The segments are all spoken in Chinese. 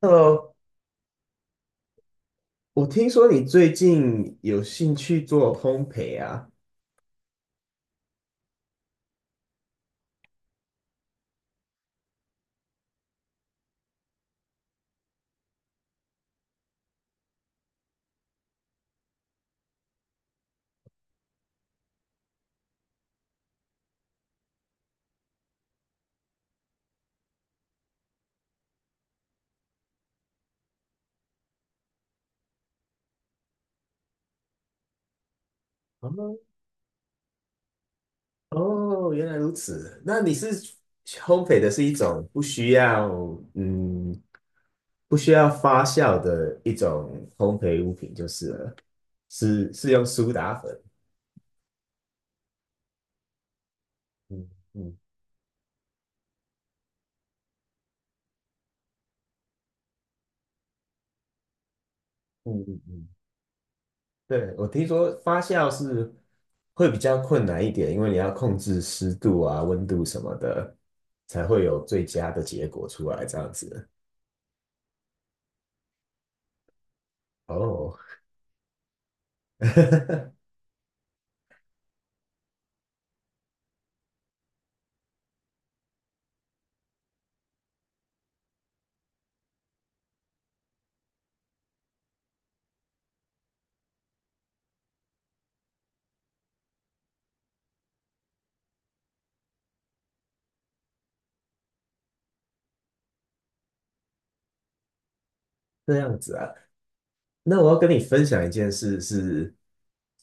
Hello，我听说你最近有兴趣做烘焙啊？哦，哦，原来如此。那你是烘焙的是一种嗯，不需要发酵的一种烘焙物品就是了，是用苏打粉。嗯嗯嗯嗯嗯。对，我听说发酵是会比较困难一点，因为你要控制湿度啊、温度什么的，才会有最佳的结果出来，这样子。哦。这样子啊，那我要跟你分享一件事是，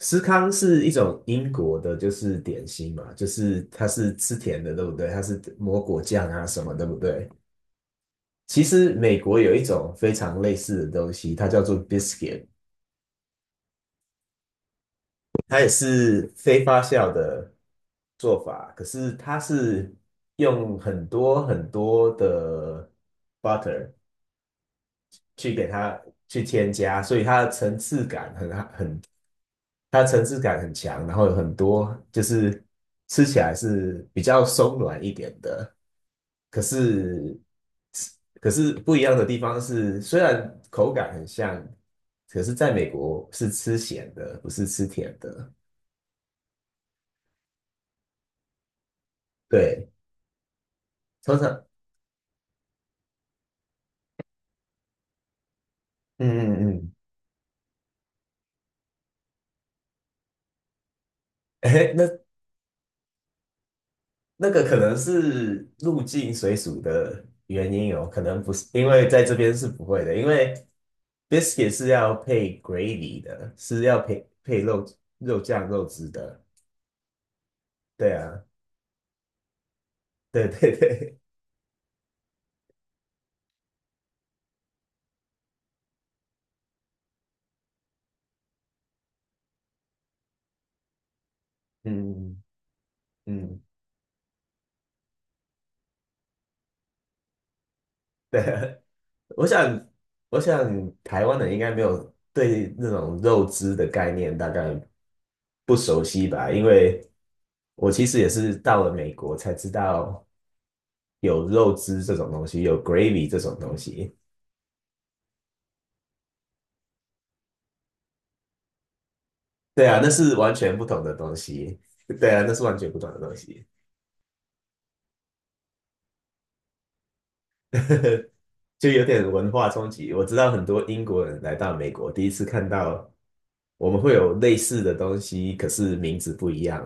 司康是一种英国的，就是点心嘛，就是它是吃甜的，对不对？它是抹果酱啊什么，对不对？其实美国有一种非常类似的东西，它叫做 biscuit，它也是非发酵的做法，可是它是用很多很多的 butter 去给它去添加，所以它的层次感很强，然后有很多就是吃起来是比较松软一点的，可是可是不一样的地方是，虽然口感很像，可是在美国是吃咸的，不是吃甜的。对，通常嗯嗯嗯，哎，那个可能是入境水属的原因哦，可能不是，因为在这边是不会的，因为 biscuit 是要配 gravy 的，是要配配肉肉酱肉汁的。对啊，对 对对，嗯嗯，对啊，我想我想台湾人应该没有对那种肉汁的概念大概不熟悉吧，因为我其实也是到了美国才知道有肉汁这种东西，有 gravy 这种东西。对啊，那是完全不同的东西。对啊，那是完全不同的东西，就有点文化冲击。我知道很多英国人来到美国，第一次看到我们会有类似的东西，可是名字不一样，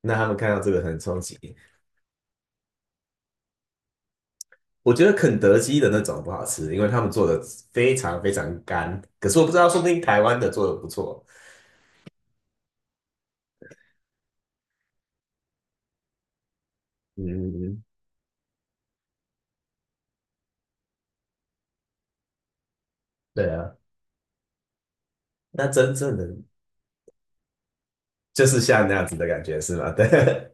那他们看到这个很冲击。我觉得肯德基的那种不好吃，因为他们做的非常非常干。可是我不知道，说不定台湾的做的不错。嗯，对啊，那真正的就是像那样子的感觉是吗？对。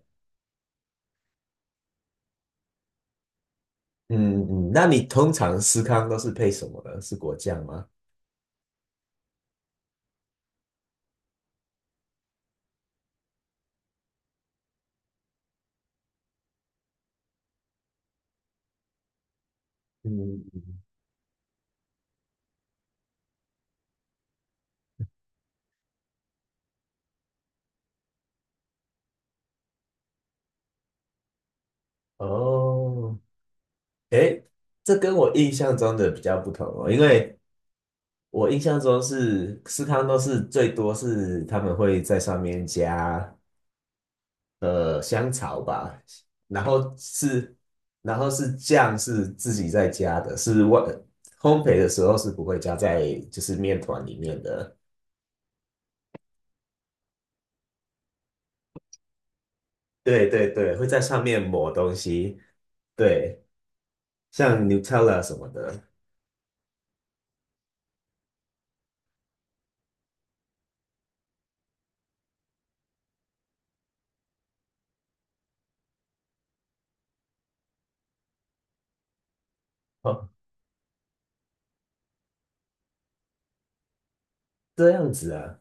嗯嗯，那你通常司康都是配什么呢？是果酱吗？嗯，哦，诶，这跟我印象中的比较不同哦，因为我印象中是司康都是最多是他们会在上面加呃香草吧，然后是然后是酱是自己在加的，是外烘焙的时候是不会加在就是面团里面的，对对对，会在上面抹东西，对。像 Nutella 什么的，哦，这样子啊，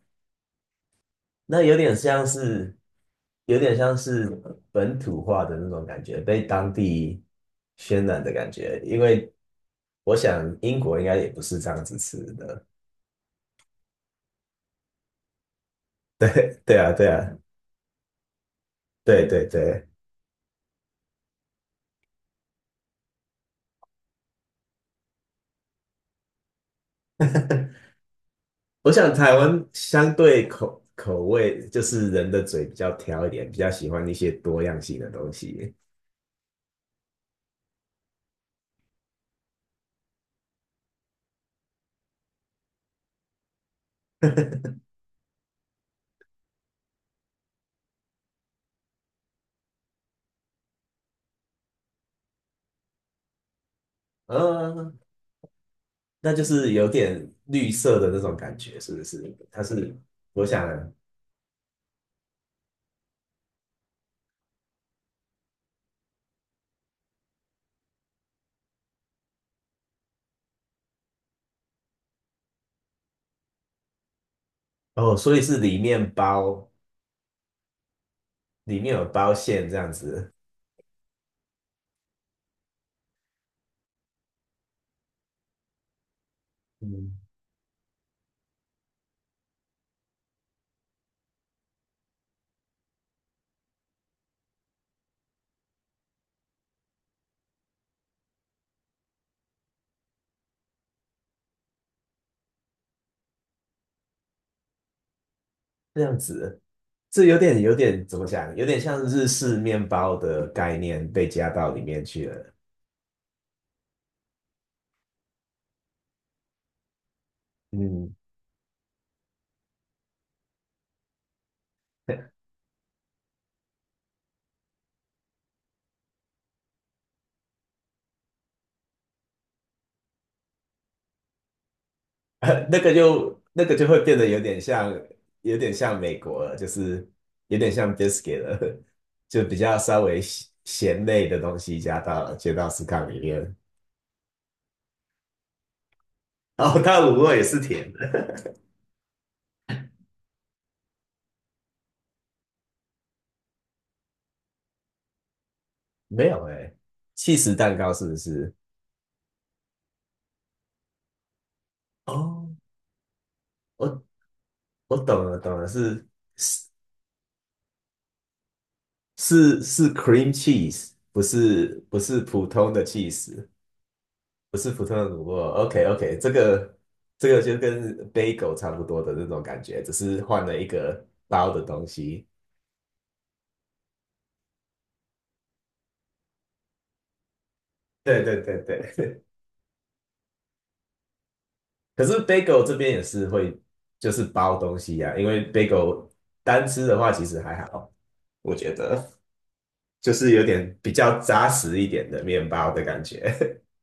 那有点像是，有点像是本土化的那种感觉，被当地渲染的感觉。因为我想英国应该也不是这样子吃的，对，对啊，对啊，对对对。我想台湾相对口味，就是人的嘴比较挑一点，比较喜欢一些多样性的东西。嗯，那就是有点绿色的那种感觉，是不是？它是，我想，哦，所以是里面包，里面有包馅这样子，嗯，这样子，这有点怎么讲？有点像日式面包的概念被加到里面去了，嗯，那个就会变得有点像，有点像美国了，就是有点像 biscuit 了，就比较稍微咸咸类的东西加到了，加到司康里面，然后它的卤肉也是甜没有哎、起司蛋糕是不是？哦，我我懂了，懂了，是 cream cheese，不是普通的 cheese，不是普通的乳酪。OK OK，这个这个就跟 bagel 差不多的那种感觉，只是换了一个包的东西。对对对对。可是 bagel 这边也是会就是包东西呀、因为 bagel 单吃的话其实还好，我觉得就是有点比较扎实一点的面包的感觉。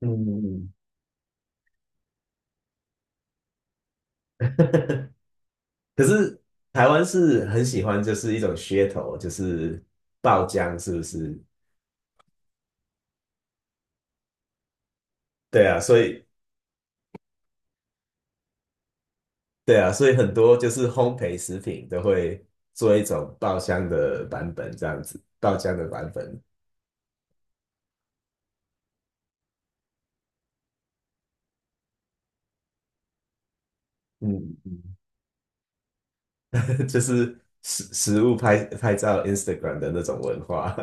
嗯嗯嗯，可是台湾是很喜欢，就是一种噱头，就是爆浆，是不是？对啊，所以对啊，所以很多就是烘焙食品都会做一种爆浆的版本，这样子，爆浆的版本，嗯嗯，就是食物拍照 Instagram 的那种文化，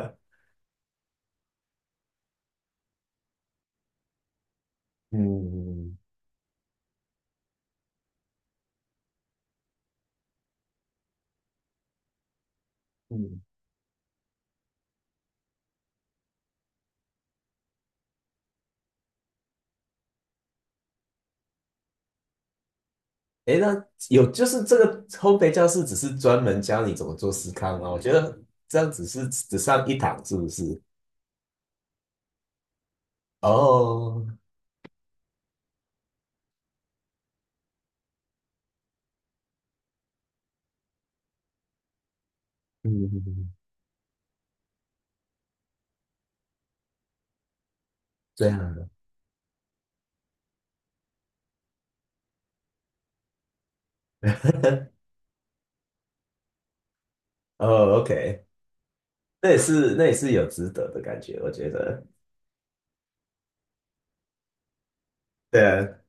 嗯嗯，诶，那有就是这个烘焙教室只是专门教你怎么做司康吗？我觉得这样只是只上一堂，是不是？哦，嗯，这样的，哦，OK，那也是有值得的感觉，我觉得，对啊，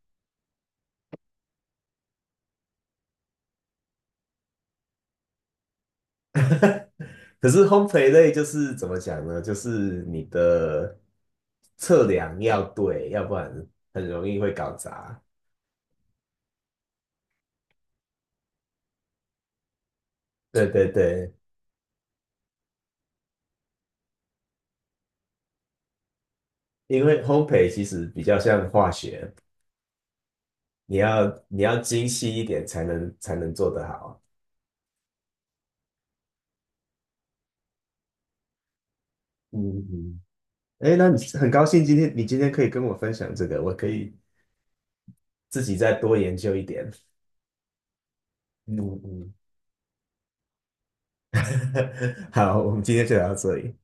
可是烘焙类就是怎么讲呢？就是你的测量要对，要不然很容易会搞砸。对对对，因为烘焙其实比较像化学，你要精细一点才能做得好。嗯嗯，哎，那你很高兴今天你今天可以跟我分享这个，我可以自己再多研究一点。嗯嗯，好，我们今天就聊到这里。